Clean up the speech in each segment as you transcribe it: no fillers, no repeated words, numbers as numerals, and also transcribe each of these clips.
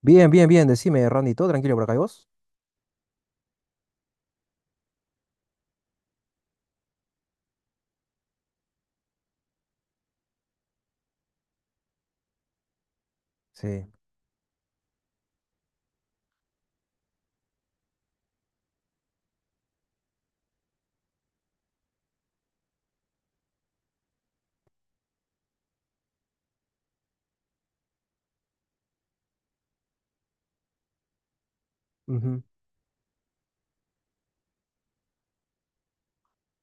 Bien, bien, bien, decime, Randy, ¿todo tranquilo por acá y vos? Sí, ujú,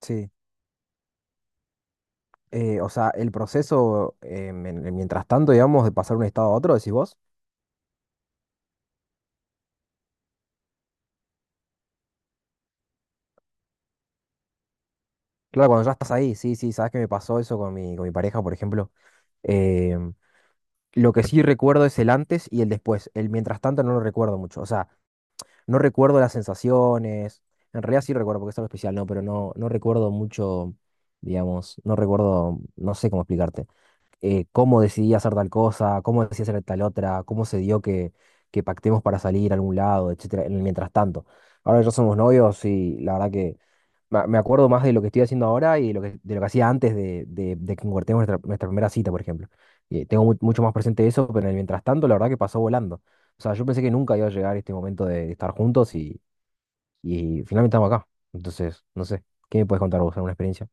sí. O sea, el proceso, mientras tanto, digamos, de pasar de un estado a otro, decís vos. Claro, cuando ya estás ahí, sí, sí, sabes que me pasó eso con mi pareja, por ejemplo. Em, lo que sí recuerdo es el antes y el después. El mientras tanto no lo recuerdo mucho. O sea, no recuerdo las sensaciones. En realidad sí recuerdo porque es algo especial, ¿no? Pero no, no recuerdo mucho, digamos, no recuerdo, no sé cómo explicarte. Cómo decidí hacer tal cosa, cómo decidí hacer tal otra, cómo se dio que pactemos para salir a algún lado, etcétera, en el mientras tanto. Ahora que ya somos novios y la verdad que me acuerdo más de lo que estoy haciendo ahora y de lo que hacía antes de que concretemos nuestra, nuestra primera cita, por ejemplo. Tengo mucho más presente eso, pero en el mientras tanto, la verdad que pasó volando. O sea, yo pensé que nunca iba a llegar este momento de estar juntos y finalmente estamos acá. Entonces, no sé, ¿qué me puedes contar vos? ¿Alguna experiencia?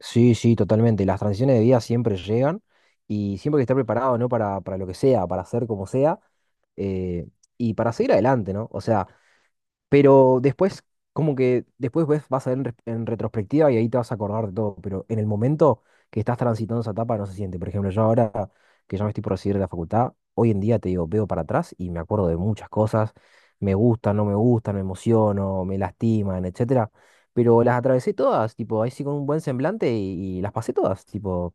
Sí, sí, totalmente. Las transiciones de vida siempre llegan y siempre hay que estar preparado, ¿no? Para lo que sea, para hacer como sea, eh, y para seguir adelante, ¿no? O sea, pero después, como que después ves, vas a ver en retrospectiva y ahí te vas a acordar de todo. Pero en el momento que estás transitando esa etapa no se siente. Por ejemplo, yo ahora que ya me estoy por recibir de la facultad, hoy en día te digo, veo para atrás y me acuerdo de muchas cosas. Me gustan, no me gustan, me emociono, me lastiman, etcétera. Pero las atravesé todas, tipo, ahí sí con un buen semblante y las pasé todas. Tipo,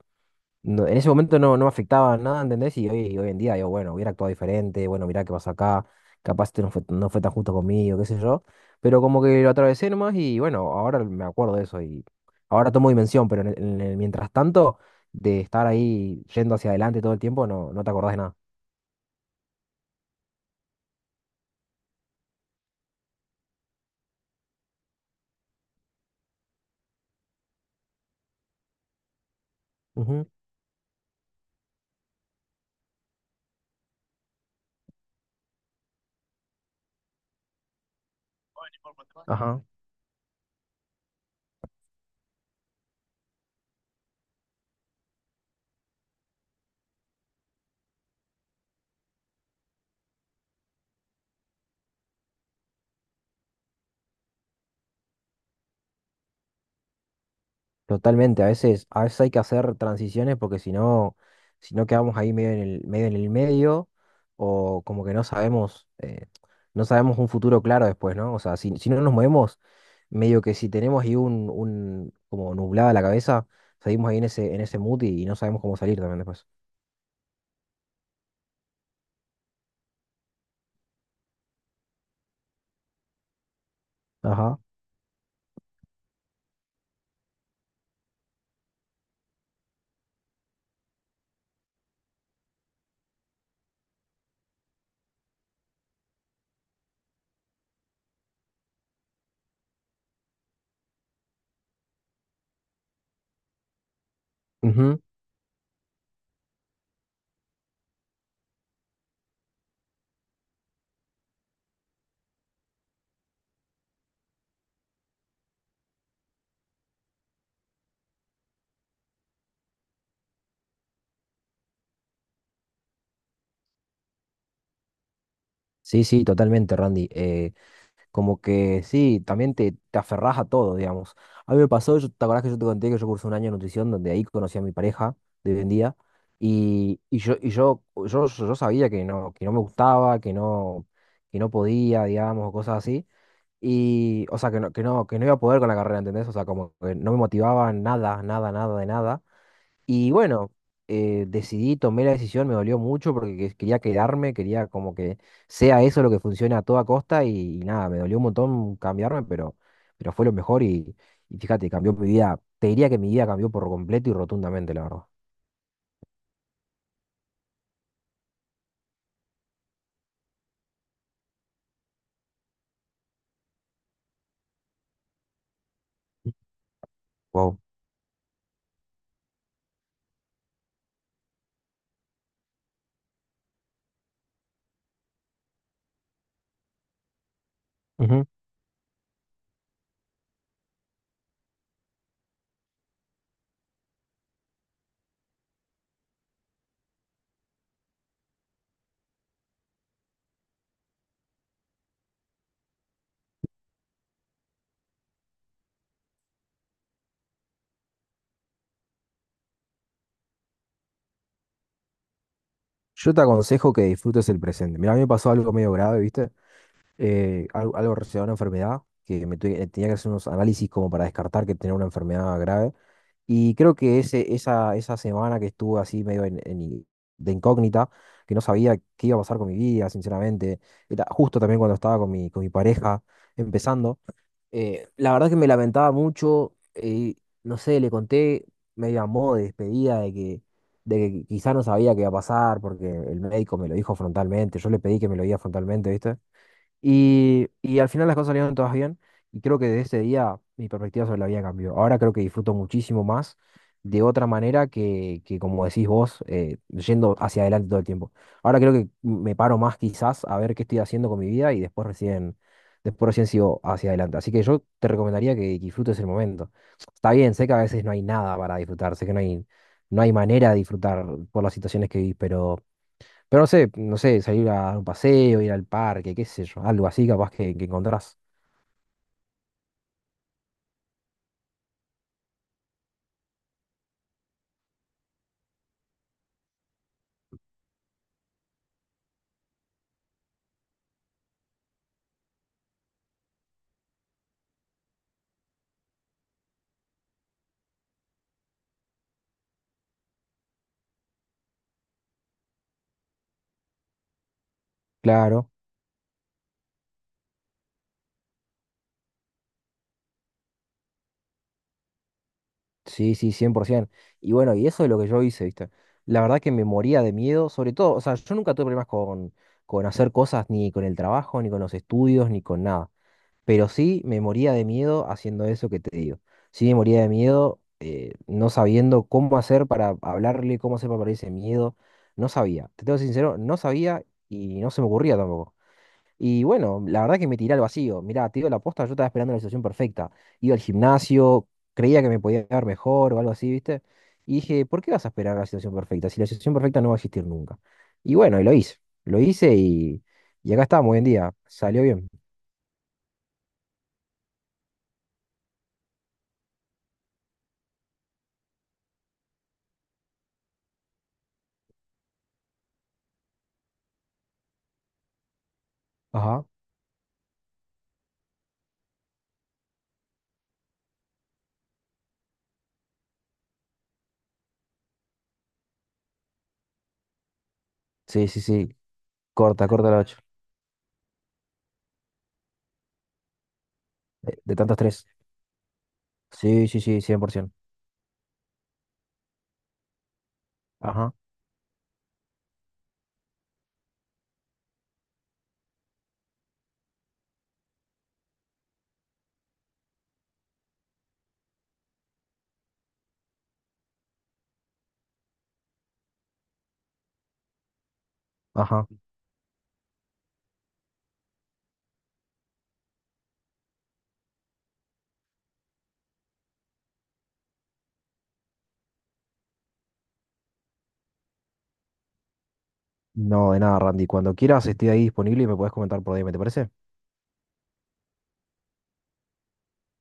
en ese momento no, no me afectaba nada, ¿entendés? Y hoy en día yo, bueno, hubiera actuado diferente, bueno, mirá qué pasa acá, capaz este no fue, no fue tan justo conmigo, qué sé yo, pero como que lo atravesé nomás y bueno, ahora me acuerdo de eso y ahora tomo dimensión, pero en el mientras tanto, de estar ahí yendo hacia adelante todo el tiempo, no, no te acordás de nada. Ujú, ajá. Totalmente, a veces hay que hacer transiciones porque si no, si no quedamos ahí medio en el, medio en el medio, o como que no sabemos, no sabemos un futuro claro después, ¿no? O sea, si, si no nos movemos, medio que si tenemos ahí un como nublada la cabeza, seguimos ahí en ese mood y no sabemos cómo salir también después. Ajá. Ujú. Sí, sí, totalmente, Randy. Como que sí, también te aferrás a todo, digamos. A mí me pasó, yo, ¿te acordás que yo te conté que yo cursé un año de nutrición donde ahí conocí a mi pareja de hoy en día? Y yo, yo sabía que no me gustaba, que no podía, digamos, o cosas así. Y, o sea, que no, que no, que no iba a poder con la carrera, ¿entendés? O sea, como que no me motivaba nada, nada, nada de nada. Y bueno, decidí, tomé la decisión, me dolió mucho porque quería quedarme, quería como que sea eso lo que funcione a toda costa y nada, me dolió un montón cambiarme, pero fue lo mejor y fíjate, cambió mi vida. Te diría que mi vida cambió por completo y rotundamente, la verdad. Wow. Ujú. Yo te aconsejo que disfrutes el presente. Mira, a mí me pasó algo medio grave, ¿viste? Algo relacionado a una enfermedad, que tenía que hacer unos análisis como para descartar que tenía una enfermedad grave. Y creo que ese, esa semana que estuve así en de incógnita, que no sabía qué iba a pasar con mi vida, sinceramente, era justo también cuando estaba con mi pareja empezando, la verdad que me lamentaba mucho, no sé, le conté medio a modo de despedida de que quizá no sabía qué iba a pasar porque el médico me lo dijo frontalmente, yo le pedí que me lo diga frontalmente, ¿viste? Y al final las cosas salieron todas bien y creo que desde ese día mi perspectiva sobre la vida cambió. Ahora creo que disfruto muchísimo más de otra manera que como decís vos, yendo hacia adelante todo el tiempo. Ahora creo que me paro más quizás a ver qué estoy haciendo con mi vida y después recién sigo hacia adelante. Así que yo te recomendaría que disfrutes el momento. Está bien, sé que a veces no hay nada para disfrutar, sé que no hay, no hay manera de disfrutar por las situaciones que vivís, pero... pero no sé, no sé, salir a dar un paseo, ir al parque, qué sé yo, algo así capaz que encontrás. Claro, sí, sí, 100%. Y bueno, y eso es lo que yo hice, ¿viste? La verdad que me moría de miedo, sobre todo, o sea, yo nunca tuve problemas con hacer cosas, ni con el trabajo, ni con los estudios, ni con nada. Pero sí me moría de miedo haciendo eso que te digo. Sí me moría de miedo, no sabiendo cómo hacer para hablarle, cómo hacer para perder ese miedo. No sabía, te tengo que ser sincero, no sabía y no se me ocurría tampoco. Y bueno, la verdad que me tiré al vacío. Mirá, te digo la posta, yo estaba esperando la situación perfecta. Iba al gimnasio, creía que me podía dar mejor o algo así, ¿viste? Y dije, ¿por qué vas a esperar la situación perfecta? Si la situación perfecta no va a existir nunca. Y bueno, y lo hice. Lo hice y acá estamos hoy en día. Salió bien. Ajá. Sí, sí, sí. Corta, corta la ocho. De tanto estrés. Sí, sí, sí, 100%. Ajá, ajá. No, de nada, Randy. Cuando quieras, estoy ahí disponible y me podés comentar por DM, ¿te parece?